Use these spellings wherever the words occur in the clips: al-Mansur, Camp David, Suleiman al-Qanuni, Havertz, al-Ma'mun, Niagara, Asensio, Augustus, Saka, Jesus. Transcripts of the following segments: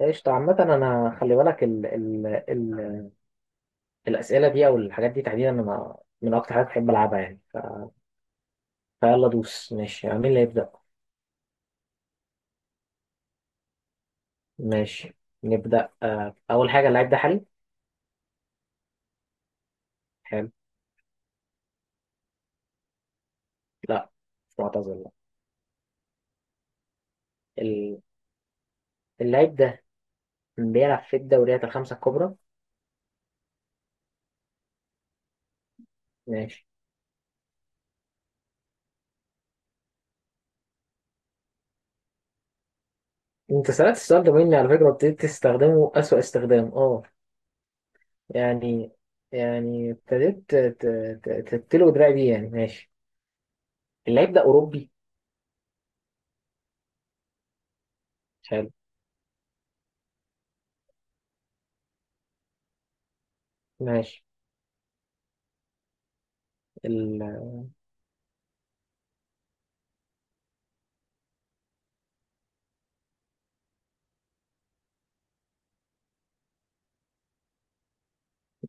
قشطة. عامة أنا خلي بالك ال ال ال الأسئلة دي أو الحاجات دي تحديدا. أنا من أكتر حاجات بحب ألعبها يعني. فيلا دوس ماشي، يعني مين اللي يبدأ؟ ماشي، نبدأ. أول حاجة، اللعيب ده حالي؟ حلو. لا. مش معتزل، لا. ال- اللعيب ده بيلعب في الدوريات الخمسة الكبرى؟ ماشي. أنت سألت السؤال ده مني على فكرة وابتديت تستخدمه أسوأ استخدام. أه يعني يعني ابتديت تتلو دراعي بيه يعني. ماشي. اللعيب ده أوروبي؟ حلو. ماشي.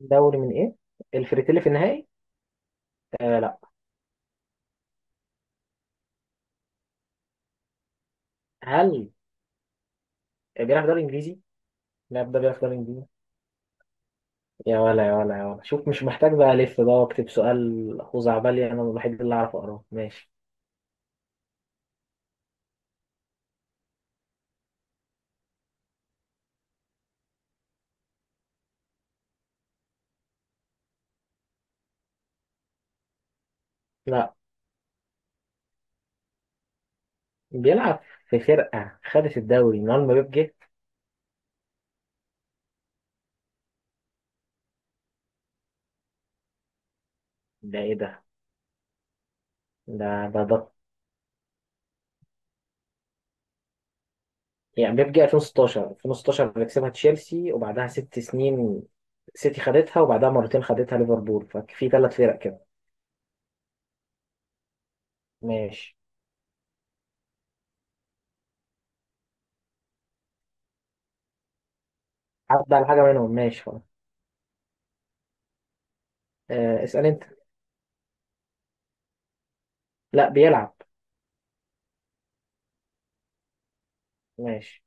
دوري من ايه؟ الفريتيلي في النهائي؟ آه، لا. هل بيلعب دوري انجليزي؟ اللاعب ده بيلعب دوري انجليزي؟ يا ولا يا ولا يا ولا، شوف، مش محتاج بقى الف بقى واكتب سؤال خزعبلي انا الوحيد اللي اعرف اقراه. ماشي. لا، بيلعب في فرقة خدت الدوري من اول ما بيب جه. ده ايه ده؟ ده ده ده يعني بيب جه 2016. 2016 بيكسبها تشيلسي، وبعدها 6 سنين سيتي خدتها، وبعدها مرتين خدتها ليفربول، ففي 3 فرق كده. ماشي. عدى على حاجة منهم، ماشي خلاص. آه، اسأل انت. لا، بيلعب. ماشي.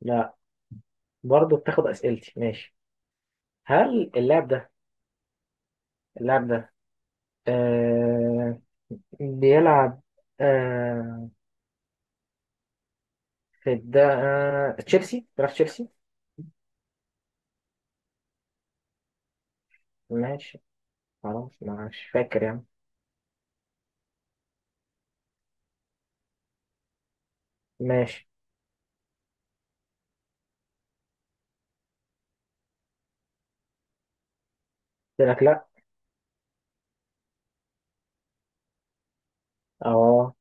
لا، برضه بتاخد اسئلتي. ماشي. هل اللاعب ده اللاعب ده آه بيلعب آه في الد... آه تشيلسي؟ بيلعب في تشيلسي. ماشي، خلاص مش فاكر يعني. ماشي. قلت لك لا. اه،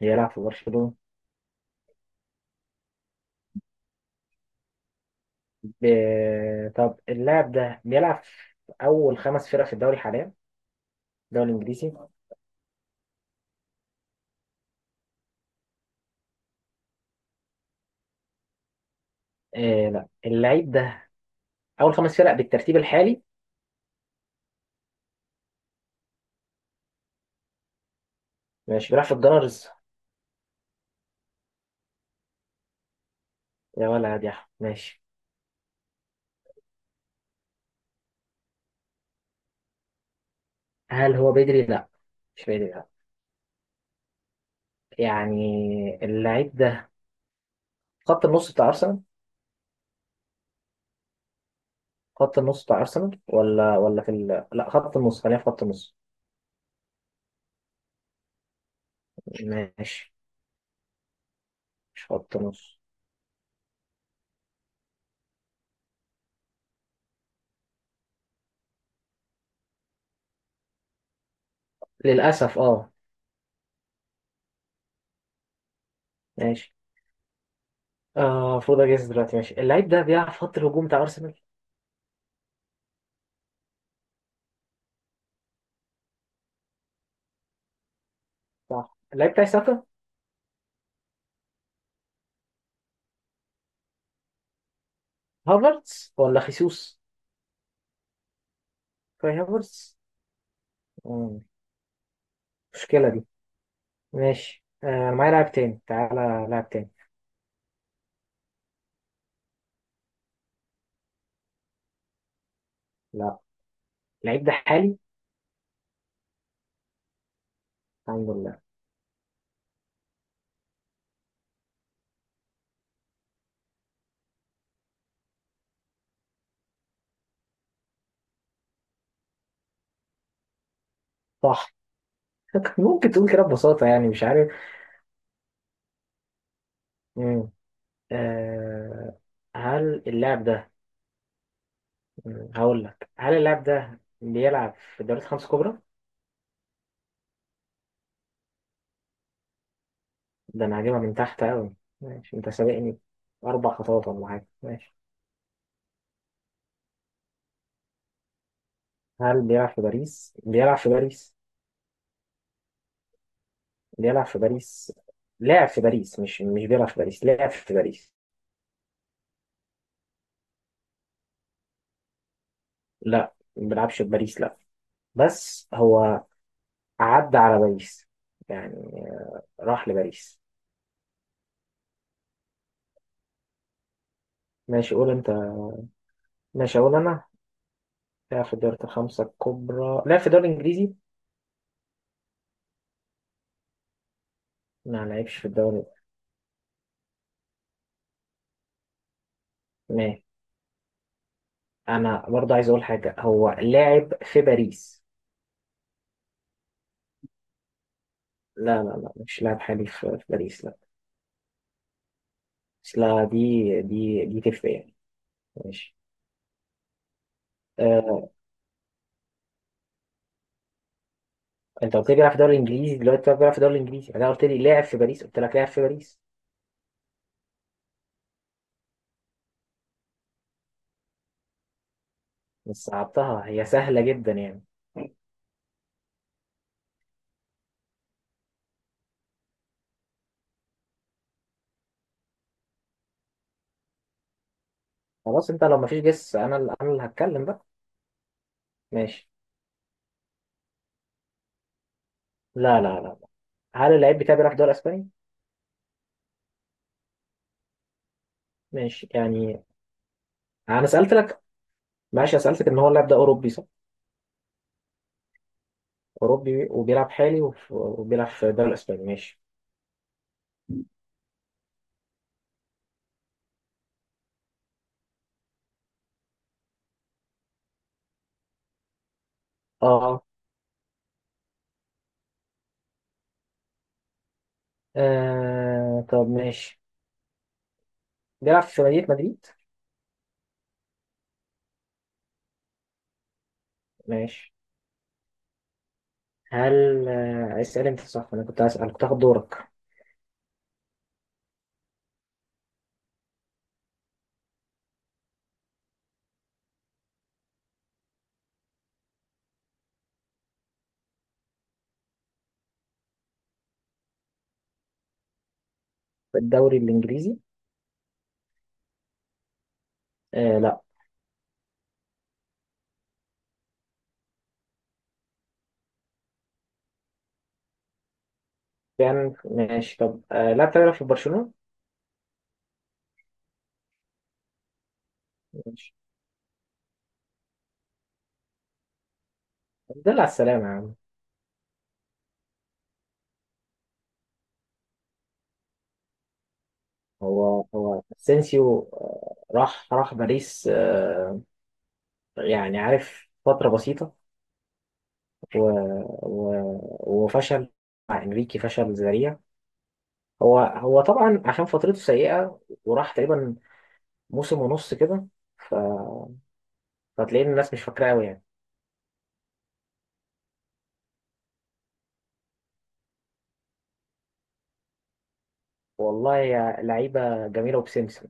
بيلعب في برشلونة. ب... طب اللاعب ده بيلعب في اول خمس فرق في الدوري حاليا، الدوري الانجليزي؟ آه، لا. اللعيب ده اول خمس فرق بالترتيب الحالي. ماشي، بيلعب في الجنرز. يا ولا يا. ماشي. هل هو بدري؟ لا، مش بدري، لا. يعني اللعيب ده خط النص بتاع ارسنال. خط النص بتاع ارسنال ولا في لا، خط النص، خلينا في خط النص. ماشي، مش خط النص. للاسف اه. ماشي. اه، المفروض اجهز دلوقتي. ماشي. اللعيب ده بيلعب في خط الهجوم بتاع ارسنال. صح، اللعيب بتاعي ساكا. هافرتس ولا خيسوس. كاي هافرتس. مم، مشكلة دي. ماشي، انا معايا لاعب تاني، تعالى لاعب تاني. لا، اللعيب ده حالي. الحمد لله. صح. ممكن تقول كده ببساطة يعني، مش عارف. مم. آه، هل اللاعب ده هقول لك، هل اللاعب ده بيلعب في الدوريات الخمس الكبرى؟ ده انا هجيبها من تحت قوي. ماشي، انت سابقني 4 خطوات ولا حاجه. ماشي. هل بيلعب في باريس؟ بيلعب في باريس. بيلعب في باريس. لاعب في باريس. مش مش بيلعب في باريس، لاعب في باريس. لا، ما بيلعبش في باريس، لا. بس هو عدى على باريس، يعني راح لباريس. ماشي، قول انت. ماشي، اقول انا. لاعب في الدوريات الخمسه الكبرى، لاعب في الدوري الانجليزي. ما لعبش في الدوري. ما انا برضه عايز اقول حاجه، هو لاعب في باريس. لا لا لا، مش لاعب حالي في باريس، لا. بس لا، دي تفرق يعني. ماشي. آه، انت قلت لي بيلعب في الدوري الانجليزي دلوقتي، طب بيلعب في الدوري الانجليزي، انا قلت لي لاعب في باريس، قلت لك لاعب في باريس. بس صعبتها، هي سهله جدا يعني. خلاص، انت لو مفيش جس، انا اللي هتكلم بقى. ماشي. لا لا لا لا. هل اللعيب بتاعي بيلعب في الدوري الاسباني؟ ماشي يعني. انا سالت لك. ماشي. أنا سالتك ان هو اللاعب ده اوروبي، صح. أوروبي وبيلعب حالي وبيلعب في الدوري الأسباني. ماشي. آه. آه، طب ماشي، بيلعب في مدينة مدريد. ماشي. هل اسأل أنت، صح. أنا كنت هسأل، كنت هاخد دورك في الدوري الإنجليزي. آه، لا. يعني ماشي، طب. آه، لا، بتلعب في برشلونة. ماشي. دل على السلامة يا عم. هو اسينسيو راح باريس، آه. يعني عارف، فترة بسيطة و... وفشل مع انريكي، فشل ذريع. هو طبعا عشان فترته سيئة، وراح تقريبا موسم ونص كده. ف... فتلاقي إن الناس مش فاكراه قوي يعني. والله يا لعيبة جميلة وبسمسم